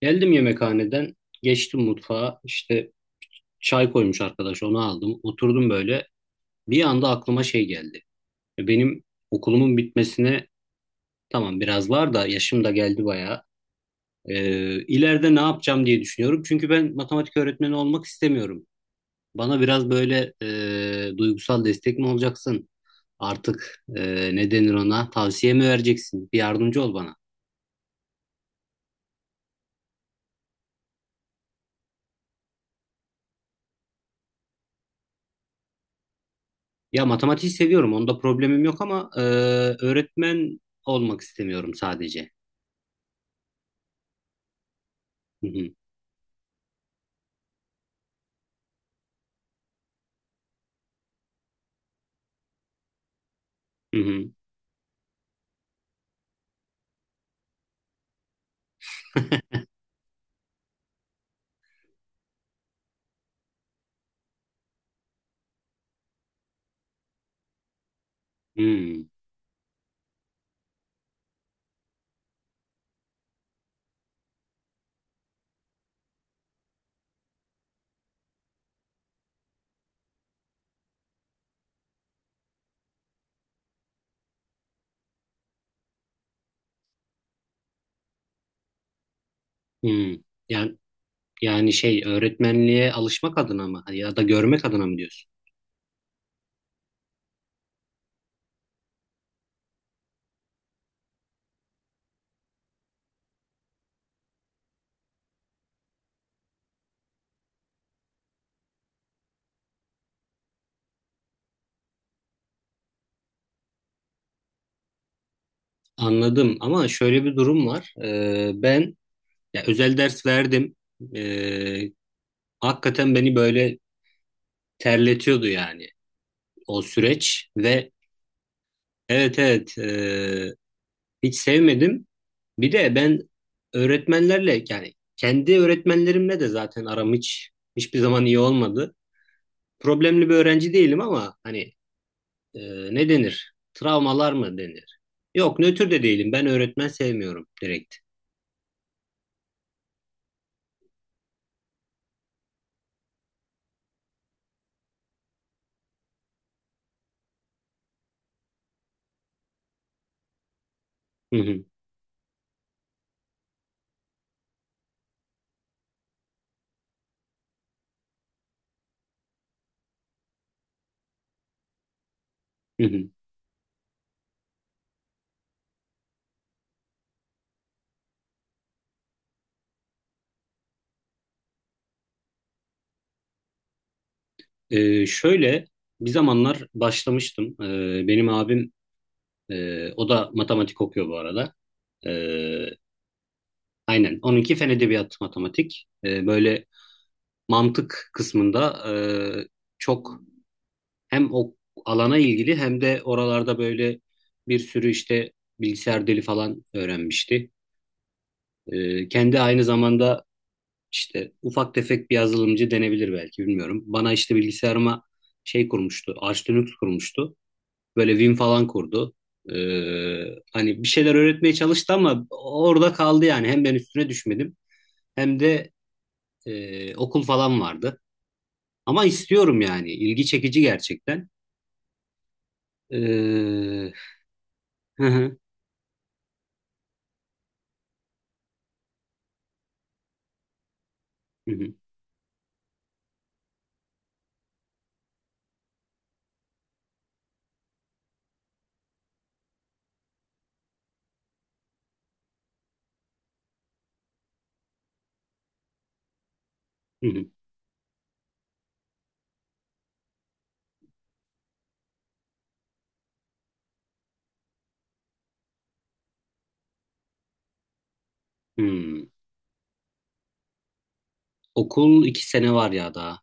Geldim yemekhaneden, geçtim mutfağa. İşte çay koymuş arkadaş, onu aldım. Oturdum böyle. Bir anda aklıma şey geldi. Benim okulumun bitmesine tamam biraz var da yaşım da geldi bayağı. E, ileride ne yapacağım diye düşünüyorum. Çünkü ben matematik öğretmeni olmak istemiyorum. Bana biraz böyle duygusal destek mi olacaksın? Artık ne denir ona? Tavsiye mi vereceksin? Bir yardımcı ol bana. Ya matematiği seviyorum. Onda problemim yok ama öğretmen olmak istemiyorum sadece. Hı hı, hı hı, hı, hı. Yani şey öğretmenliğe alışmak adına mı ya da görmek adına mı diyorsun? Anladım ama şöyle bir durum var. E, ben ya özel ders verdim. E, Hakikaten beni böyle terletiyordu yani o süreç ve evet evet, hiç sevmedim. Bir de ben öğretmenlerle yani kendi öğretmenlerimle de zaten aram hiç hiçbir zaman iyi olmadı. Problemli bir öğrenci değilim ama hani e, ne denir? Travmalar mı denir? Yok nötr de değilim. Ben öğretmen sevmiyorum direkt. Hı hı, hı hı. Şöyle bir zamanlar başlamıştım. Benim abim, o da matematik okuyor bu arada. E, aynen. Onunki fen edebiyatı matematik. E, böyle mantık kısmında, e, çok hem o alana ilgili hem de oralarda böyle bir sürü işte bilgisayar dili falan öğrenmişti. Kendi aynı zamanda işte ufak tefek bir yazılımcı denebilir belki, bilmiyorum. Bana işte bilgisayarıma şey kurmuştu, Arch Linux kurmuştu. Böyle Vim falan kurdu. Hani bir şeyler öğretmeye çalıştı ama orada kaldı yani. Hem ben üstüne düşmedim hem de okul falan vardı. Ama istiyorum yani. İlgi çekici gerçekten. Ee, hı hı, hı hı. Hı hı. Hmm. Okul iki sene var ya daha.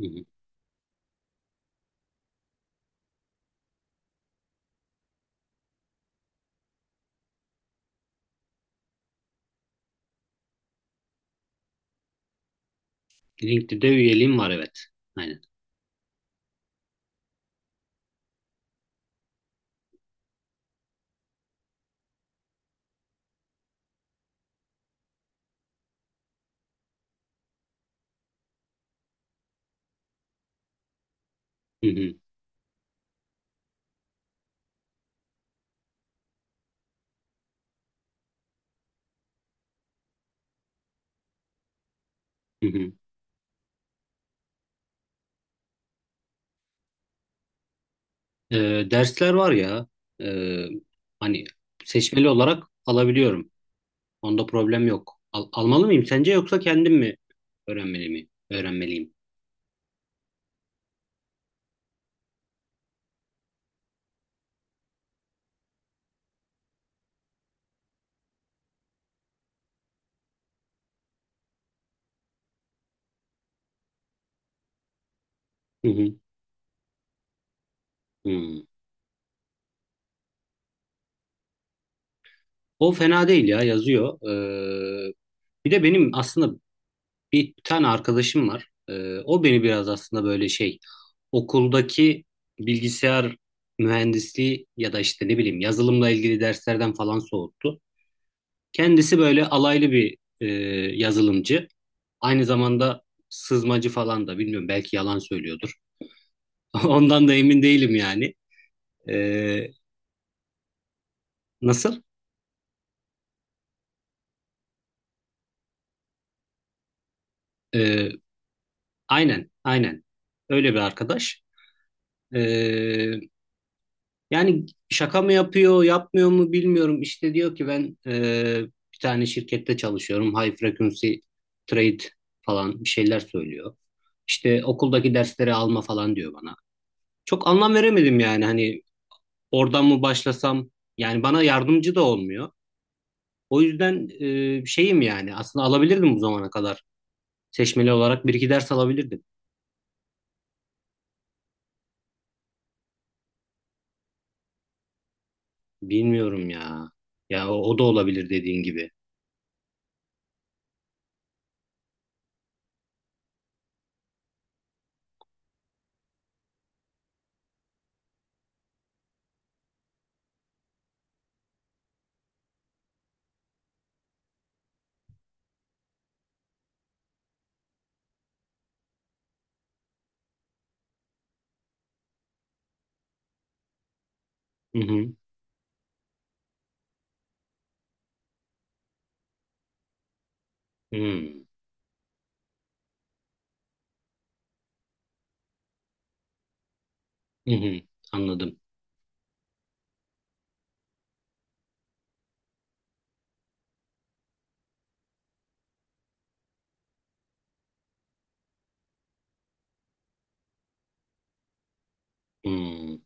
Hı hı. LinkedIn'de üyeliğim var, evet. Aynen. Hı hı. Hı hı. Dersler var ya. ee, Hani seçmeli olarak alabiliyorum. Onda problem yok. Almalı mıyım sence yoksa kendim mi öğrenmeli mi? Öğrenmeliyim. Hı hı. Hmm. O fena değil ya, yazıyor. Bir de benim aslında bir tane arkadaşım var. O beni biraz aslında böyle şey okuldaki bilgisayar mühendisliği ya da işte ne bileyim yazılımla ilgili derslerden falan soğuttu. Kendisi böyle alaylı bir yazılımcı. Aynı zamanda sızmacı falan da, bilmiyorum, belki yalan söylüyordur. Ondan da emin değilim yani. E, nasıl? E, aynen aynen, öyle bir arkadaş. E, Yani şaka mı yapıyor, yapmıyor mu bilmiyorum. İşte diyor ki ben bir tane şirkette çalışıyorum. High frequency trade falan bir şeyler söylüyor. İşte okuldaki dersleri alma falan diyor bana. Çok anlam veremedim yani hani oradan mı başlasam, yani bana yardımcı da olmuyor. O yüzden şeyim yani aslında alabilirdim bu zamana kadar. Seçmeli olarak bir iki ders alabilirdim. Bilmiyorum ya. Ya o da olabilir dediğin gibi. Hı hı. Hmm. Hı hı. Anladım. Hı.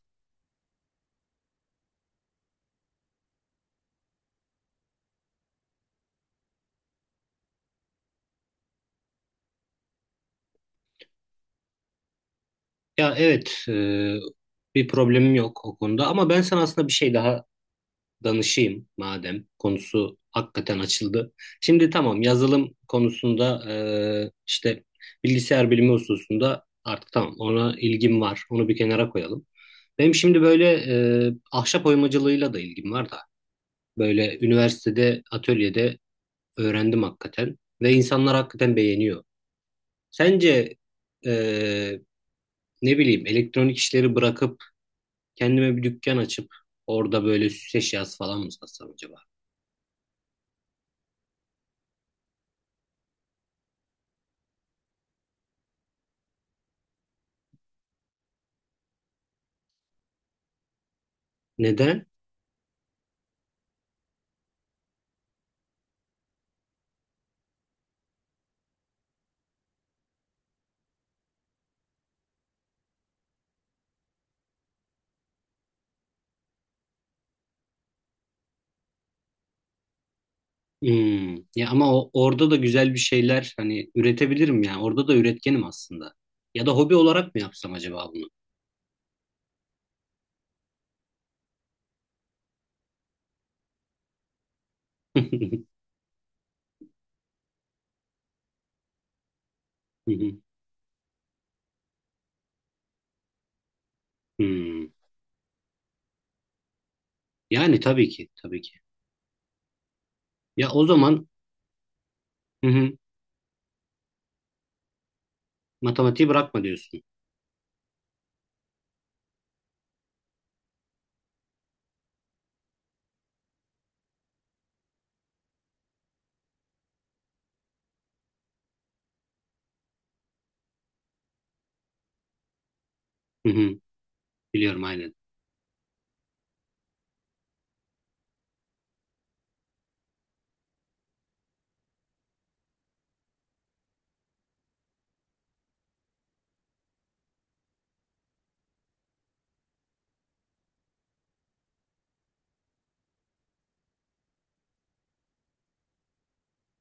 Ya evet, bir problemim yok o konuda ama ben sana aslında bir şey daha danışayım madem konusu hakikaten açıldı. Şimdi tamam yazılım konusunda işte bilgisayar bilimi hususunda artık tamam ona ilgim var. Onu bir kenara koyalım. Benim şimdi böyle ahşap oymacılığıyla da ilgim var da böyle üniversitede atölyede öğrendim hakikaten ve insanlar hakikaten beğeniyor. Sence e, ne bileyim elektronik işleri bırakıp kendime bir dükkan açıp orada böyle süs eşyası falan mı satsam acaba? Neden? Hmm. Ya ama orada da güzel bir şeyler hani üretebilirim ya. Orada da üretkenim aslında. Ya da hobi olarak mı yapsam acaba bunu? Hmm. Yani tabii ki, tabii ki. Ya o zaman, hı hı, matematiği bırakma diyorsun. Hı hı, biliyorum aynen.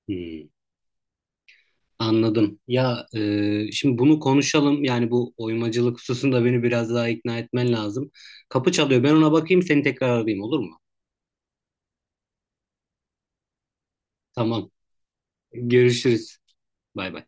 Hmm. Anladım. Ya şimdi bunu konuşalım. Yani bu oymacılık hususunda beni biraz daha ikna etmen lazım. Kapı çalıyor. Ben ona bakayım, seni tekrar arayayım olur mu? Tamam. Görüşürüz. Bay bay.